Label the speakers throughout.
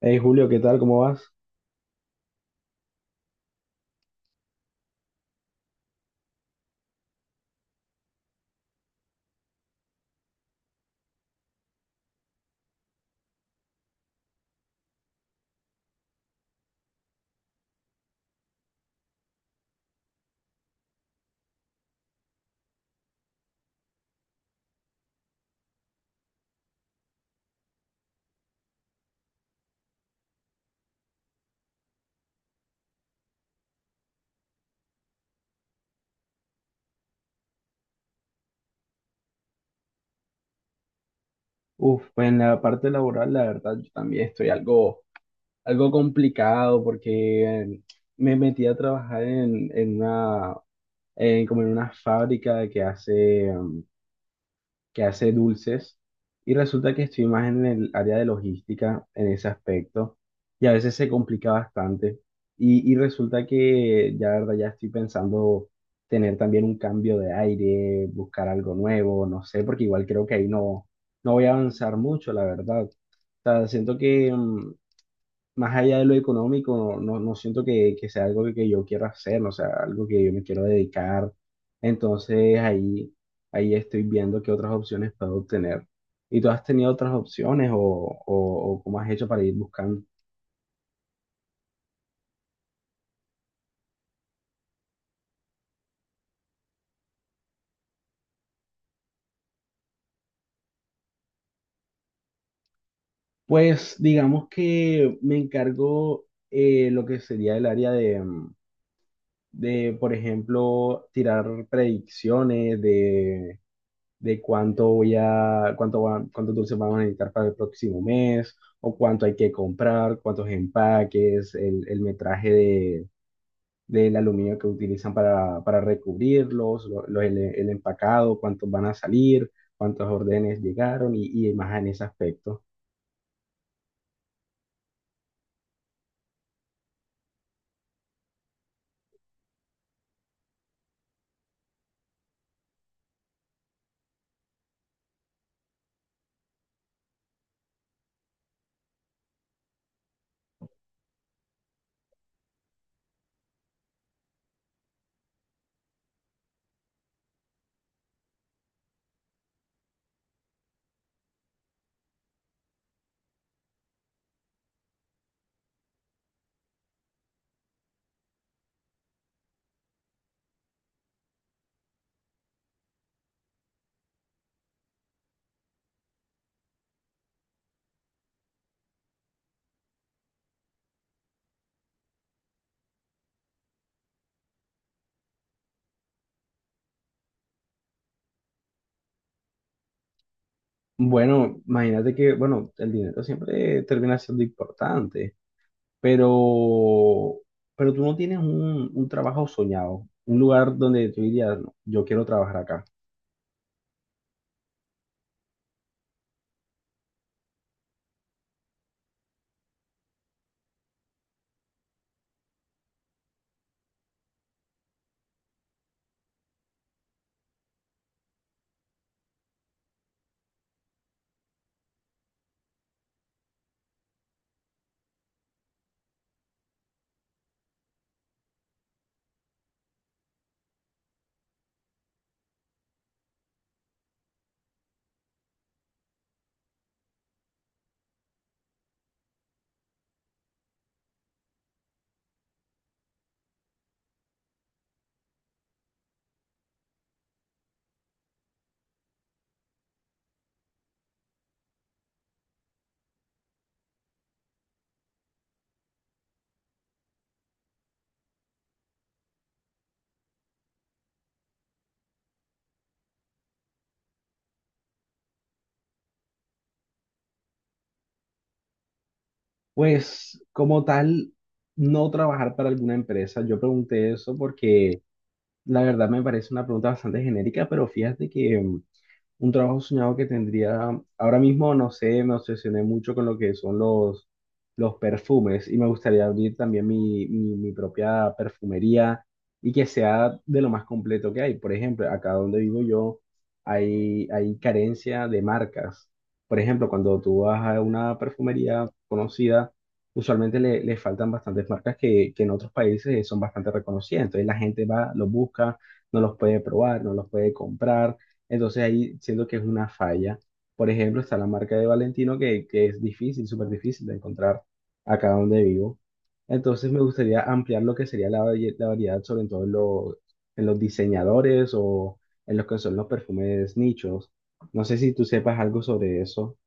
Speaker 1: Hey Julio, ¿qué tal? ¿Cómo vas? Uf, pues en la parte laboral, la verdad, yo también estoy algo complicado porque me metí a trabajar en como en una fábrica que hace que hace dulces y resulta que estoy más en el área de logística en ese aspecto y a veces se complica bastante y resulta que ya la verdad ya estoy pensando tener también un cambio de aire, buscar algo nuevo, no sé, porque igual creo que ahí no, no voy a avanzar mucho, la verdad. O sea, siento que más allá de lo económico, no siento que sea algo que yo quiera hacer, no sea algo que yo me quiero dedicar. Entonces ahí estoy viendo qué otras opciones puedo obtener. ¿Y tú has tenido otras opciones o cómo has hecho para ir buscando? Pues digamos que me encargo lo que sería el área de, por ejemplo, tirar predicciones de cuánto voy a, cuánto va- cuántos dulces vamos a necesitar para el próximo mes, o cuánto hay que comprar, cuántos empaques, el metraje del aluminio que utilizan para recubrirlos, el empacado, cuántos van a salir, cuántos órdenes llegaron y más en ese aspecto. Bueno, imagínate que, bueno, el dinero siempre termina siendo importante, pero, pero tú no tienes un trabajo soñado, un lugar donde tú dirías, "No, yo quiero trabajar acá". Pues como tal, no trabajar para alguna empresa. Yo pregunté eso porque la verdad me parece una pregunta bastante genérica, pero fíjate que un trabajo soñado que tendría, ahora mismo no sé, me obsesioné mucho con lo que son los perfumes y me gustaría abrir también mi propia perfumería y que sea de lo más completo que hay. Por ejemplo, acá donde vivo yo hay carencia de marcas. Por ejemplo, cuando tú vas a una perfumería conocida, usualmente le faltan bastantes marcas que en otros países son bastante reconocidas. Entonces la gente va, los busca, no los puede probar, no los puede comprar, entonces ahí siento que es una falla. Por ejemplo, está la marca de Valentino que es difícil, súper difícil de encontrar acá donde vivo. Entonces me gustaría ampliar lo que sería la variedad, sobre todo en los diseñadores o en los que son los perfumes nichos. No sé si tú sepas algo sobre eso.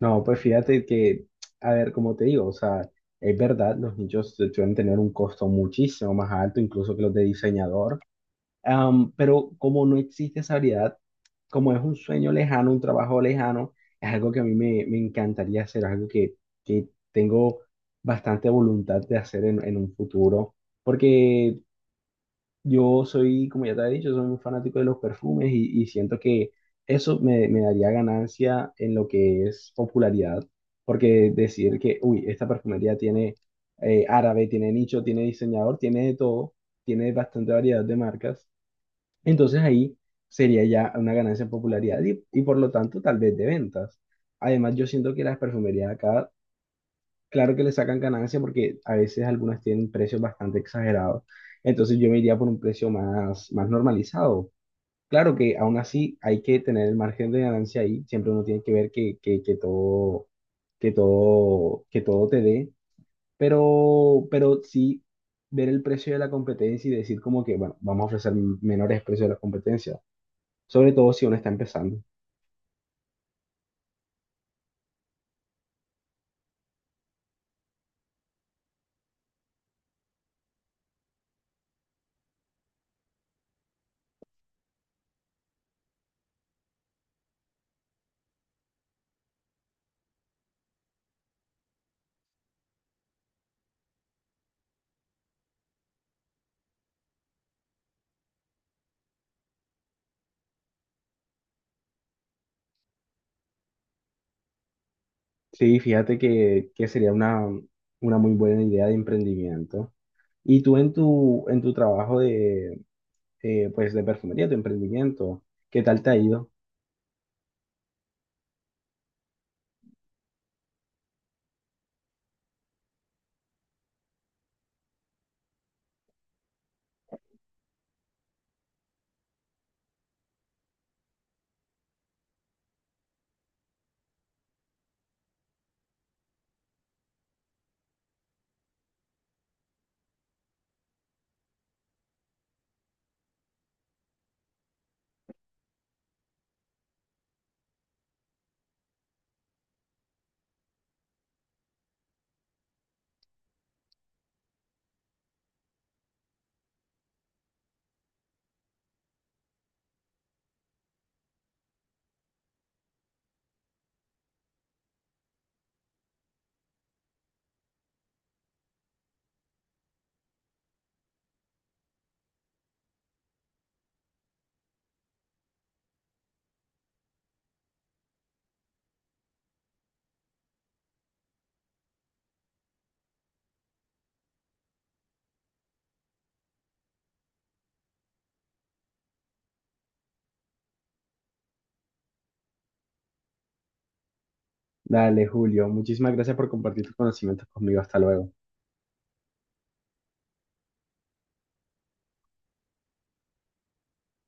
Speaker 1: No, pues fíjate que, a ver, como te digo, o sea, es verdad, los nichos suelen tener un costo muchísimo más alto, incluso que los de diseñador. Am, pero como no existe esa variedad, como es un sueño lejano, un trabajo lejano, es algo que a me encantaría hacer, algo que tengo bastante voluntad de hacer en un futuro, porque yo soy, como ya te he dicho, soy un fanático de los perfumes y siento que me daría ganancia en lo que es popularidad, porque decir que, uy, esta perfumería tiene árabe, tiene nicho, tiene diseñador, tiene de todo, tiene bastante variedad de marcas. Entonces ahí sería ya una ganancia en popularidad y por lo tanto tal vez de ventas. Además, yo siento que las perfumerías acá, claro que le sacan ganancia porque a veces algunas tienen precios bastante exagerados. Entonces yo me iría por un precio más normalizado. Claro que aún así hay que tener el margen de ganancia ahí. Siempre uno tiene que ver que todo, que todo te dé. Pero sí ver el precio de la competencia y decir como que, bueno, vamos a ofrecer menores precios de la competencia, sobre todo si uno está empezando. Sí, fíjate que sería una muy buena idea de emprendimiento. Y tú en en tu trabajo de, pues de perfumería, tu emprendimiento, ¿qué tal te ha ido? Dale, Julio, muchísimas gracias por compartir tus conocimientos conmigo. Hasta luego.